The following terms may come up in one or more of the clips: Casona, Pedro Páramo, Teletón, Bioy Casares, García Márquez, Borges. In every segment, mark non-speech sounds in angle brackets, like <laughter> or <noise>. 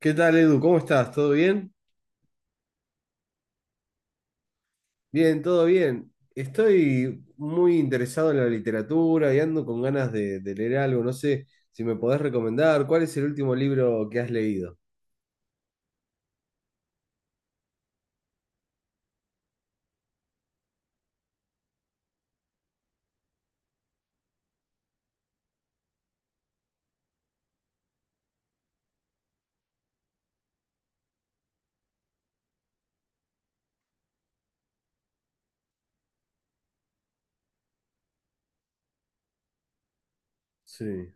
¿Qué tal, Edu? ¿Cómo estás? ¿Todo bien? Bien, todo bien. Estoy muy interesado en la literatura y ando con ganas de leer algo. No sé si me podés recomendar. ¿Cuál es el último libro que has leído? Sí.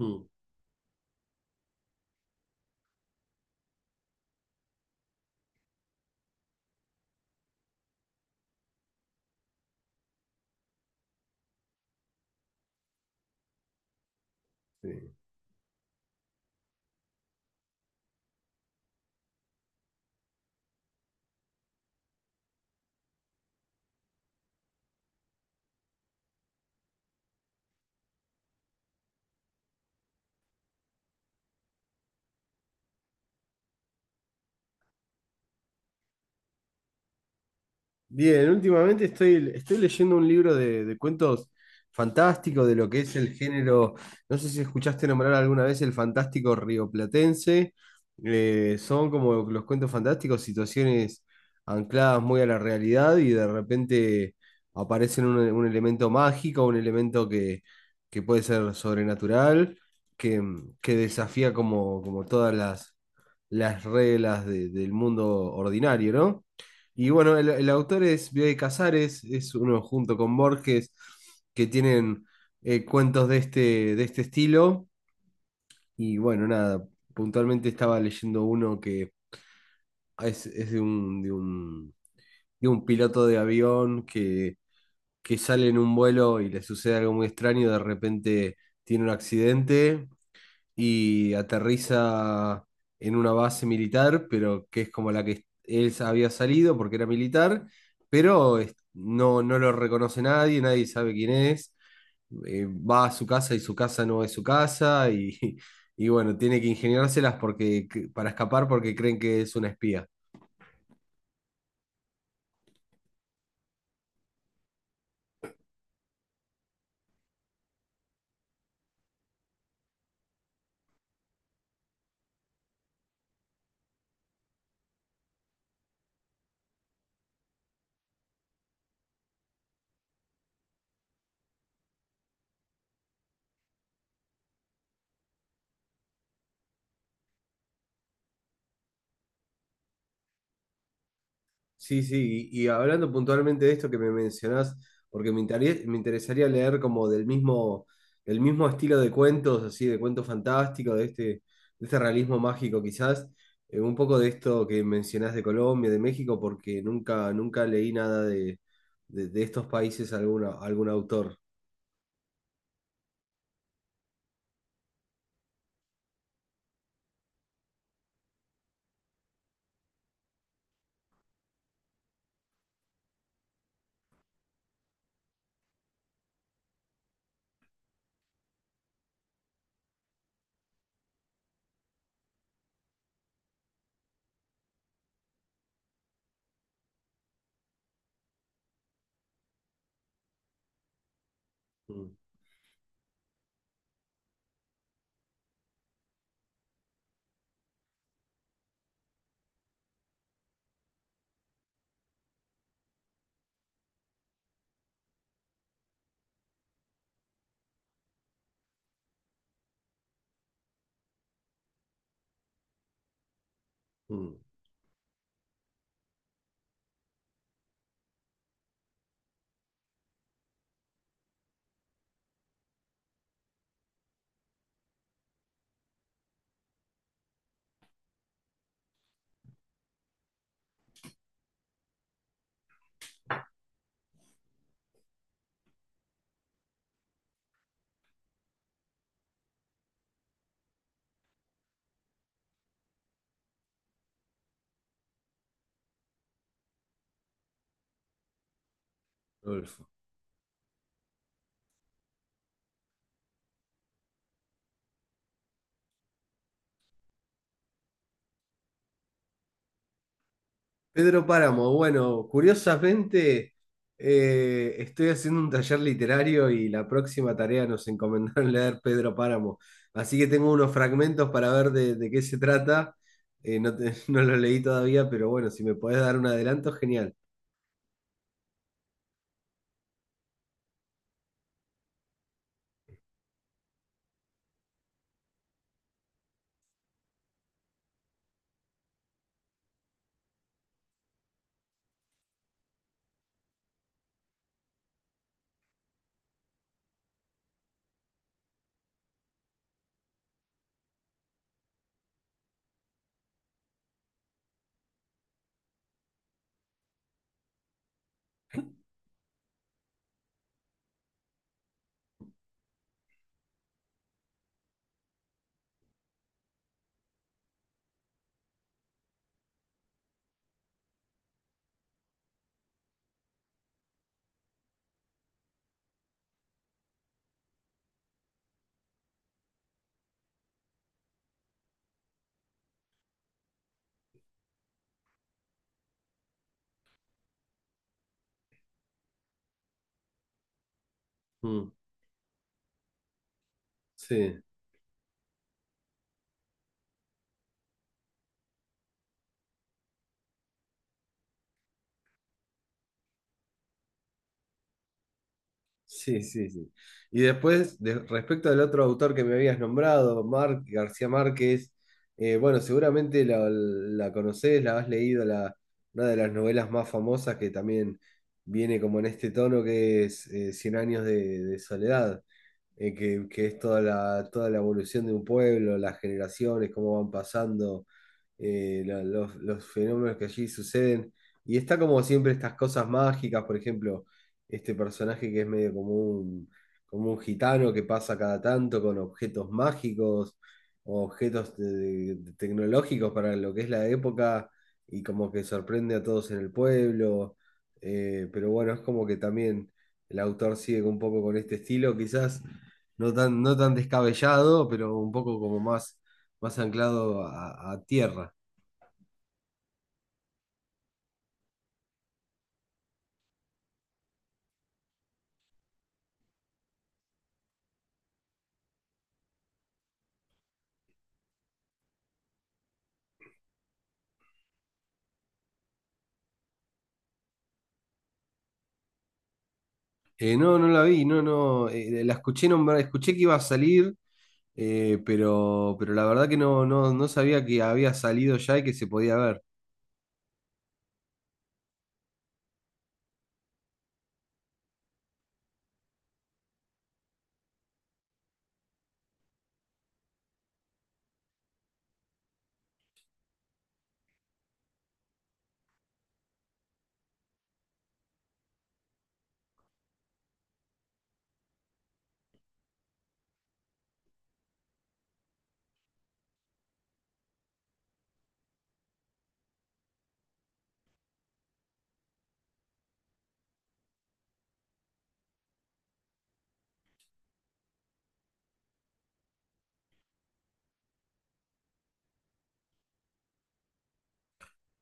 Mm, sí. Bien, últimamente estoy leyendo un libro de cuentos fantásticos de lo que es el género. No sé si escuchaste nombrar alguna vez el fantástico rioplatense. Son como los cuentos fantásticos, situaciones ancladas muy a la realidad y de repente aparecen un elemento mágico, un elemento que puede ser sobrenatural, que, que desafía como, como todas las reglas del mundo ordinario, ¿no? Y bueno, el autor es Bioy Casares, es uno junto con Borges, que tienen cuentos de este estilo. Y bueno, nada, puntualmente estaba leyendo uno que es de un piloto de avión que sale en un vuelo y le sucede algo muy extraño, de repente tiene un accidente y aterriza en una base militar, pero que es como la que él había salido porque era militar, pero no, no lo reconoce nadie, nadie sabe quién es. Va a su casa y su casa no es su casa y, <laughs> y bueno, tiene que ingeniárselas porque, para escapar porque creen que es una espía. Sí, sí, y hablando puntualmente de esto que me mencionás, porque me interesaría leer como del mismo estilo de cuentos, así, de cuento fantástico, de este realismo mágico quizás, un poco de esto que mencionás de Colombia, de México, porque nunca, nunca leí nada de estos países, alguna, algún autor. Mm, mm, Rodolfo. Pedro Páramo, bueno, curiosamente estoy haciendo un taller literario y la próxima tarea nos encomendaron <laughs> leer Pedro Páramo, así que tengo unos fragmentos para ver de qué se trata. No, <laughs> no lo leí todavía, pero bueno, si me podés dar un adelanto, genial. Mm, sí. Sí, sí, sí. Y después, respecto al otro autor que me habías nombrado, García Márquez, bueno, seguramente la conocés, la has leído, la, una de las novelas más famosas que también viene como en este tono que es Cien años de soledad, que es toda la evolución de un pueblo, las generaciones, cómo van pasando los fenómenos que allí suceden. Y está como siempre estas cosas mágicas, por ejemplo, este personaje que es medio como un gitano que pasa cada tanto con objetos mágicos, o objetos tecnológicos para lo que es la época, y como que sorprende a todos en el pueblo. Pero bueno, es como que también el autor sigue un poco con este estilo, quizás no tan, no tan descabellado, pero un poco como más, más anclado a tierra. No, no la vi, no, no, la escuché nombrar, escuché que iba a salir, pero la verdad que no, no, no sabía que había salido ya y que se podía ver.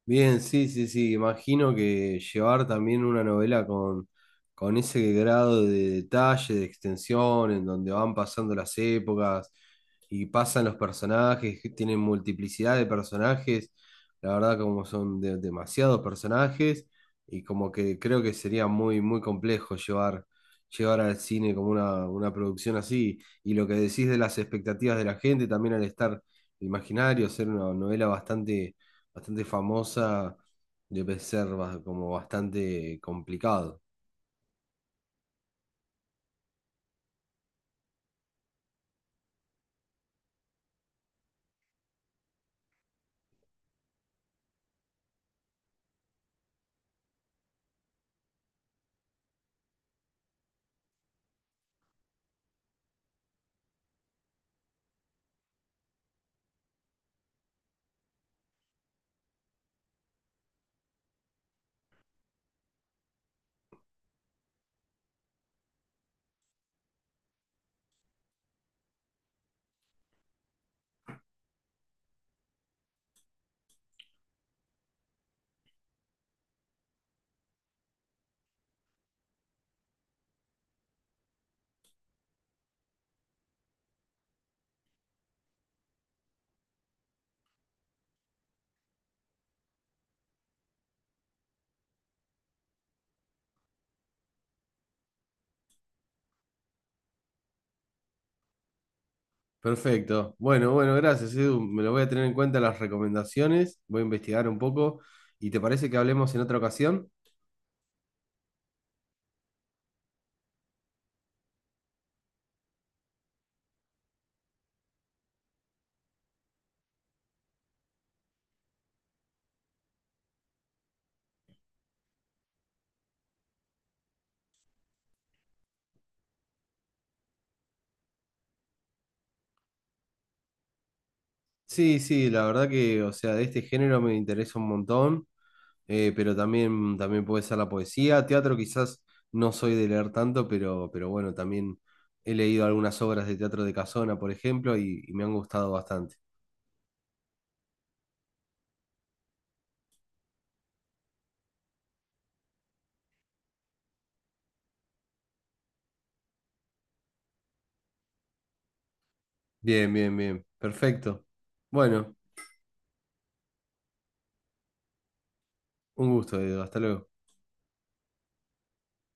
Bien, sí, sí, sí. Imagino que llevar también una novela con ese grado de detalle, de extensión, en donde van pasando las épocas y pasan los personajes, que tienen multiplicidad de personajes, la verdad como son demasiados personajes y como que creo que sería muy, muy complejo llevar, llevar al cine como una producción así. Y lo que decís de las expectativas de la gente, también al estar imaginario, ser una novela bastante bastante famosa de Pecerva, como bastante complicado. Perfecto. Bueno, bueno, gracias, Edu. Me lo voy a tener en cuenta las recomendaciones, voy a investigar un poco. ¿Y te parece que hablemos en otra ocasión? Sí, sí, la verdad que, o sea, de este género me interesa un montón, pero también, también puede ser la poesía. Teatro quizás no soy de leer tanto, pero bueno, también he leído algunas obras de teatro de Casona, por ejemplo, y me han gustado bastante. Bien, bien, bien. Perfecto. Bueno. Un gusto, Edu. Hasta luego.